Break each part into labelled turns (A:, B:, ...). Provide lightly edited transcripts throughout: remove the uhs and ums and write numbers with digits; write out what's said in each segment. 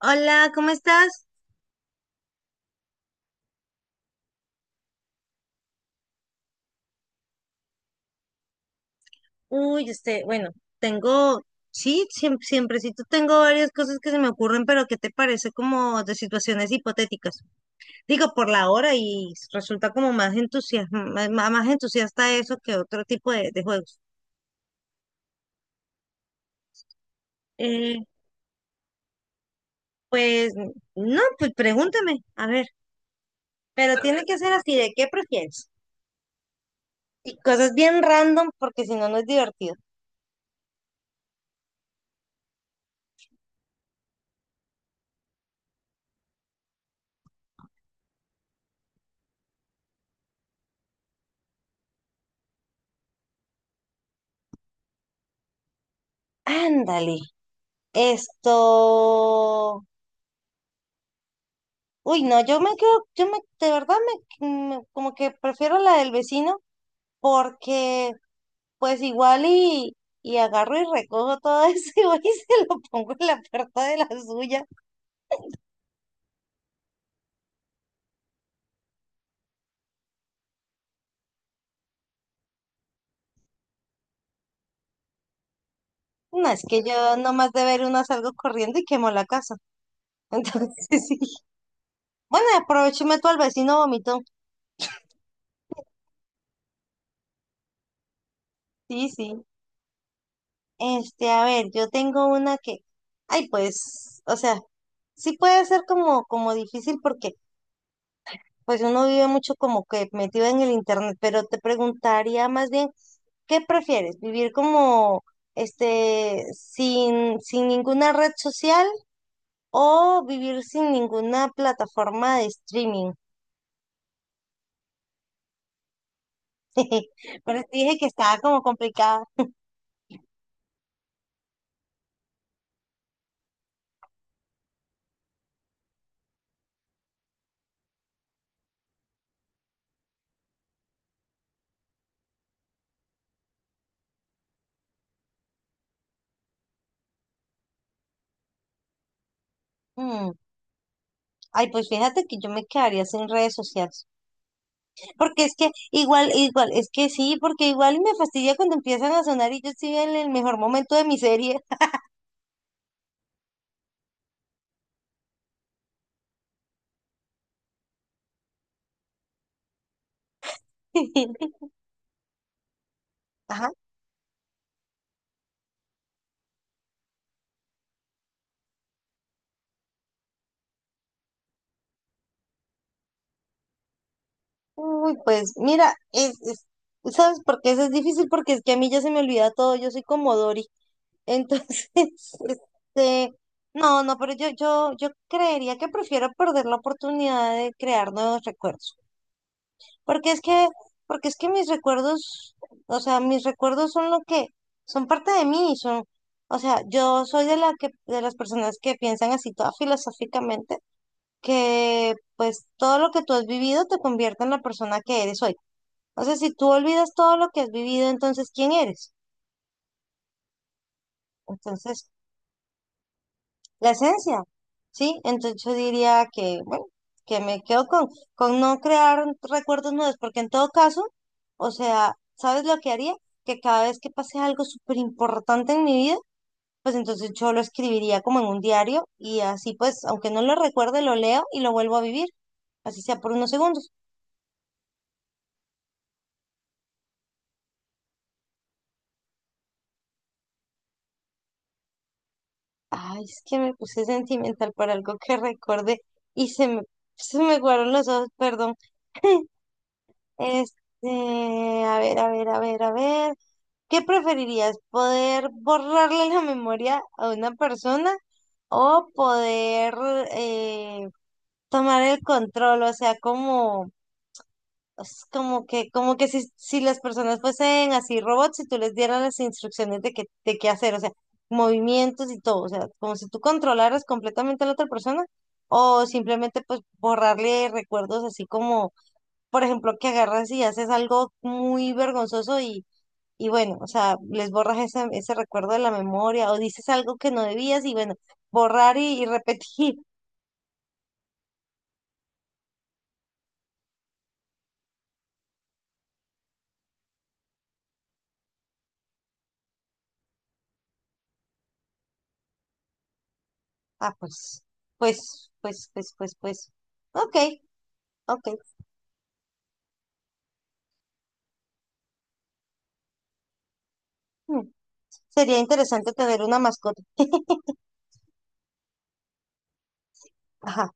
A: Hola, ¿cómo estás? Uy, bueno, tengo, sí, siemprecito tengo varias cosas que se me ocurren, pero ¿qué te parece como de situaciones hipotéticas? Digo, por la hora y resulta como más más entusiasta eso que otro tipo de juegos. Eh, pues, no, pues pregúntame, a ver, pero A tiene ver. Que ser así, ¿de qué prefieres? Y cosas bien random, porque si no, no es divertido. Ándale, esto... Uy, no, yo me quedo, yo me, de verdad como que prefiero la del vecino porque pues y agarro y recojo todo eso y voy y se lo pongo en la puerta de la suya. No, es que yo nomás de ver una salgo corriendo y quemo la casa. Entonces, sí. Bueno, aprovecho y meto al vecino vomitó. Sí, sí. A ver, yo tengo una ay, pues, o sea, sí puede ser como difícil porque pues uno vive mucho como que metido en el internet, pero te preguntaría más bien, ¿qué prefieres? ¿Vivir como este sin ninguna red social o vivir sin ninguna plataforma de streaming? Pero te dije que estaba como complicada. Mm. Ay, pues fíjate que yo me quedaría sin redes sociales. Porque es que igual, es que sí, porque igual me fastidia cuando empiezan a sonar y yo estoy en el mejor momento de mi serie. Ajá. Uy, pues mira, es- ¿sabes por qué eso es difícil? Porque es que a mí ya se me olvida todo, yo soy como Dory. Entonces, este, no, no, pero yo creería que prefiero perder la oportunidad de crear nuevos recuerdos. Porque es porque es que mis recuerdos, o sea, mis recuerdos son lo que, son parte de mí, son, o sea, yo soy de de las personas que piensan así toda filosóficamente, que pues todo lo que tú has vivido te convierte en la persona que eres hoy. O sea, si tú olvidas todo lo que has vivido, entonces ¿quién eres? Entonces, la esencia, ¿sí? Entonces yo diría que, bueno, que me quedo con no crear recuerdos nuevos, porque en todo caso, o sea, ¿sabes lo que haría? Que cada vez que pase algo súper importante en mi vida, pues entonces yo lo escribiría como en un diario y así pues, aunque no lo recuerde, lo leo y lo vuelvo a vivir, así sea por unos segundos. Ay, es que me puse sentimental por algo que recordé y se me guardaron los ojos, perdón. Este, a ver. ¿Qué preferirías? ¿Poder borrarle la memoria a una persona o poder eh, tomar el control? O sea, como, es como como que si las personas fuesen así robots y tú les dieras las instrucciones de de qué hacer, o sea, movimientos y todo, o sea, como si tú controlaras completamente a la otra persona o simplemente pues borrarle recuerdos así como por ejemplo, que agarras y haces algo muy vergonzoso y bueno, o sea, les borras ese recuerdo de la memoria o dices algo que no debías y bueno, borrar y repetir. Ah, pues. Ok, ok. Mm. Sería interesante tener una mascota. Ajá.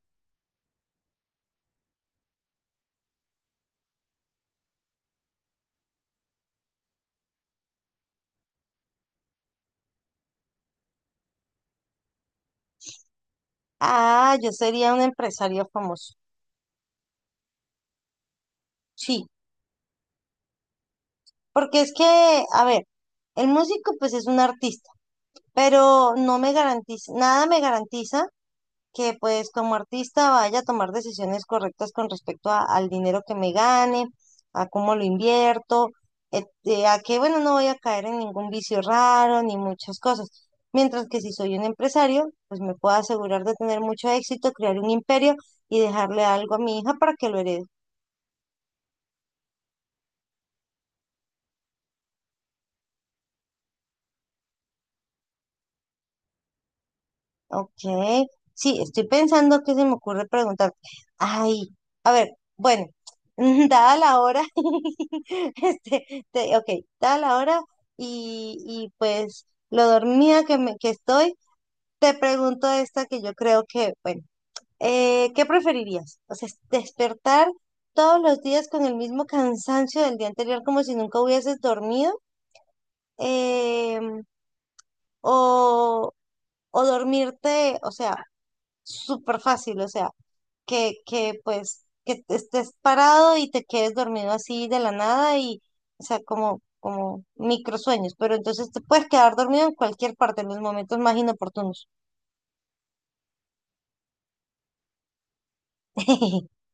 A: Ah, yo sería un empresario famoso. Sí, porque es que, a ver, el músico pues es un artista, pero no me garantiza, nada me garantiza que pues como artista vaya a tomar decisiones correctas con respecto a- al dinero que me gane, a cómo lo invierto, este, a que bueno, no voy a caer en ningún vicio raro ni muchas cosas. Mientras que si soy un empresario, pues me puedo asegurar de tener mucho éxito, crear un imperio y dejarle algo a mi hija para que lo herede. Ok, sí, estoy pensando que se me ocurre preguntar. Ay, a ver, bueno, dada la hora, ok, dada la hora y pues lo dormida que estoy, te pregunto esta que yo creo que, bueno, ¿qué preferirías? O sea, despertar todos los días con el mismo cansancio del día anterior como si nunca hubieses dormido, em, o, o dormirte, o sea, súper fácil, o sea que pues que te estés parado y te quedes dormido así de la nada y, o sea, como microsueños, pero entonces te puedes quedar dormido en cualquier parte, en los momentos más inoportunos.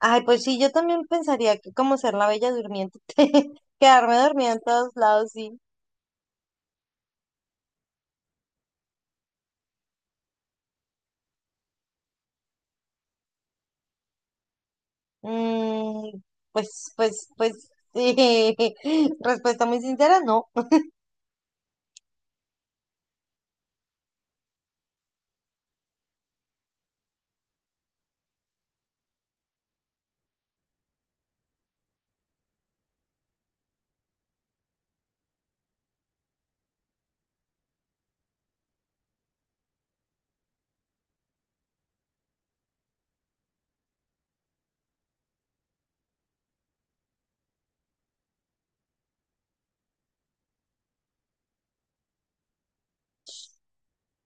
A: Ay, pues sí, yo también pensaría que como ser la bella durmiente, quedarme dormida en todos lados, sí. Mm, pues, sí. Respuesta muy sincera, no.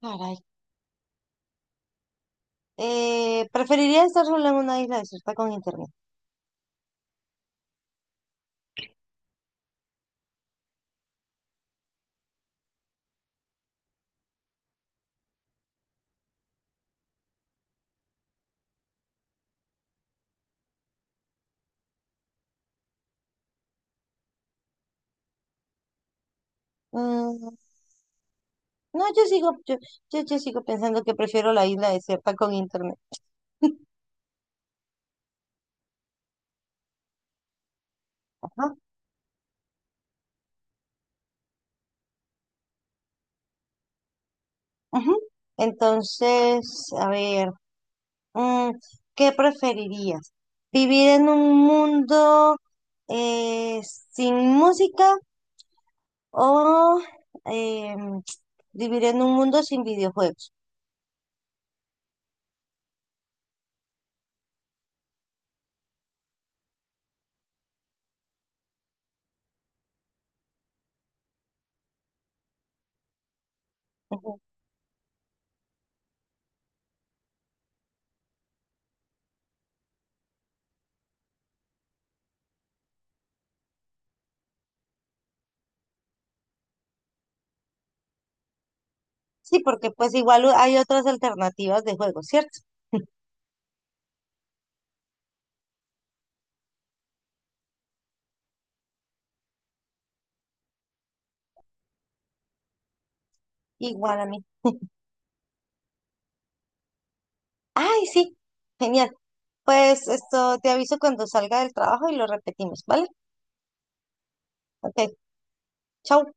A: Caray. Preferiría estar sola en una isla desierta con internet. Mm. No, yo sigo pensando que prefiero la isla desierta con internet, ¿no? Ujú. Entonces, a ver, mm, ¿qué preferirías? ¿Vivir en un mundo eh, sin música o em, vivir en un mundo sin videojuegos? Ujú. Sí, porque pues igual u- hay otras alternativas de juegos, ¿cierto? Igual a mí. Ay, sí, genial. Pues esto te aviso cuando salga del trabajo y lo repetimos, ¿vale? Ok. Chau.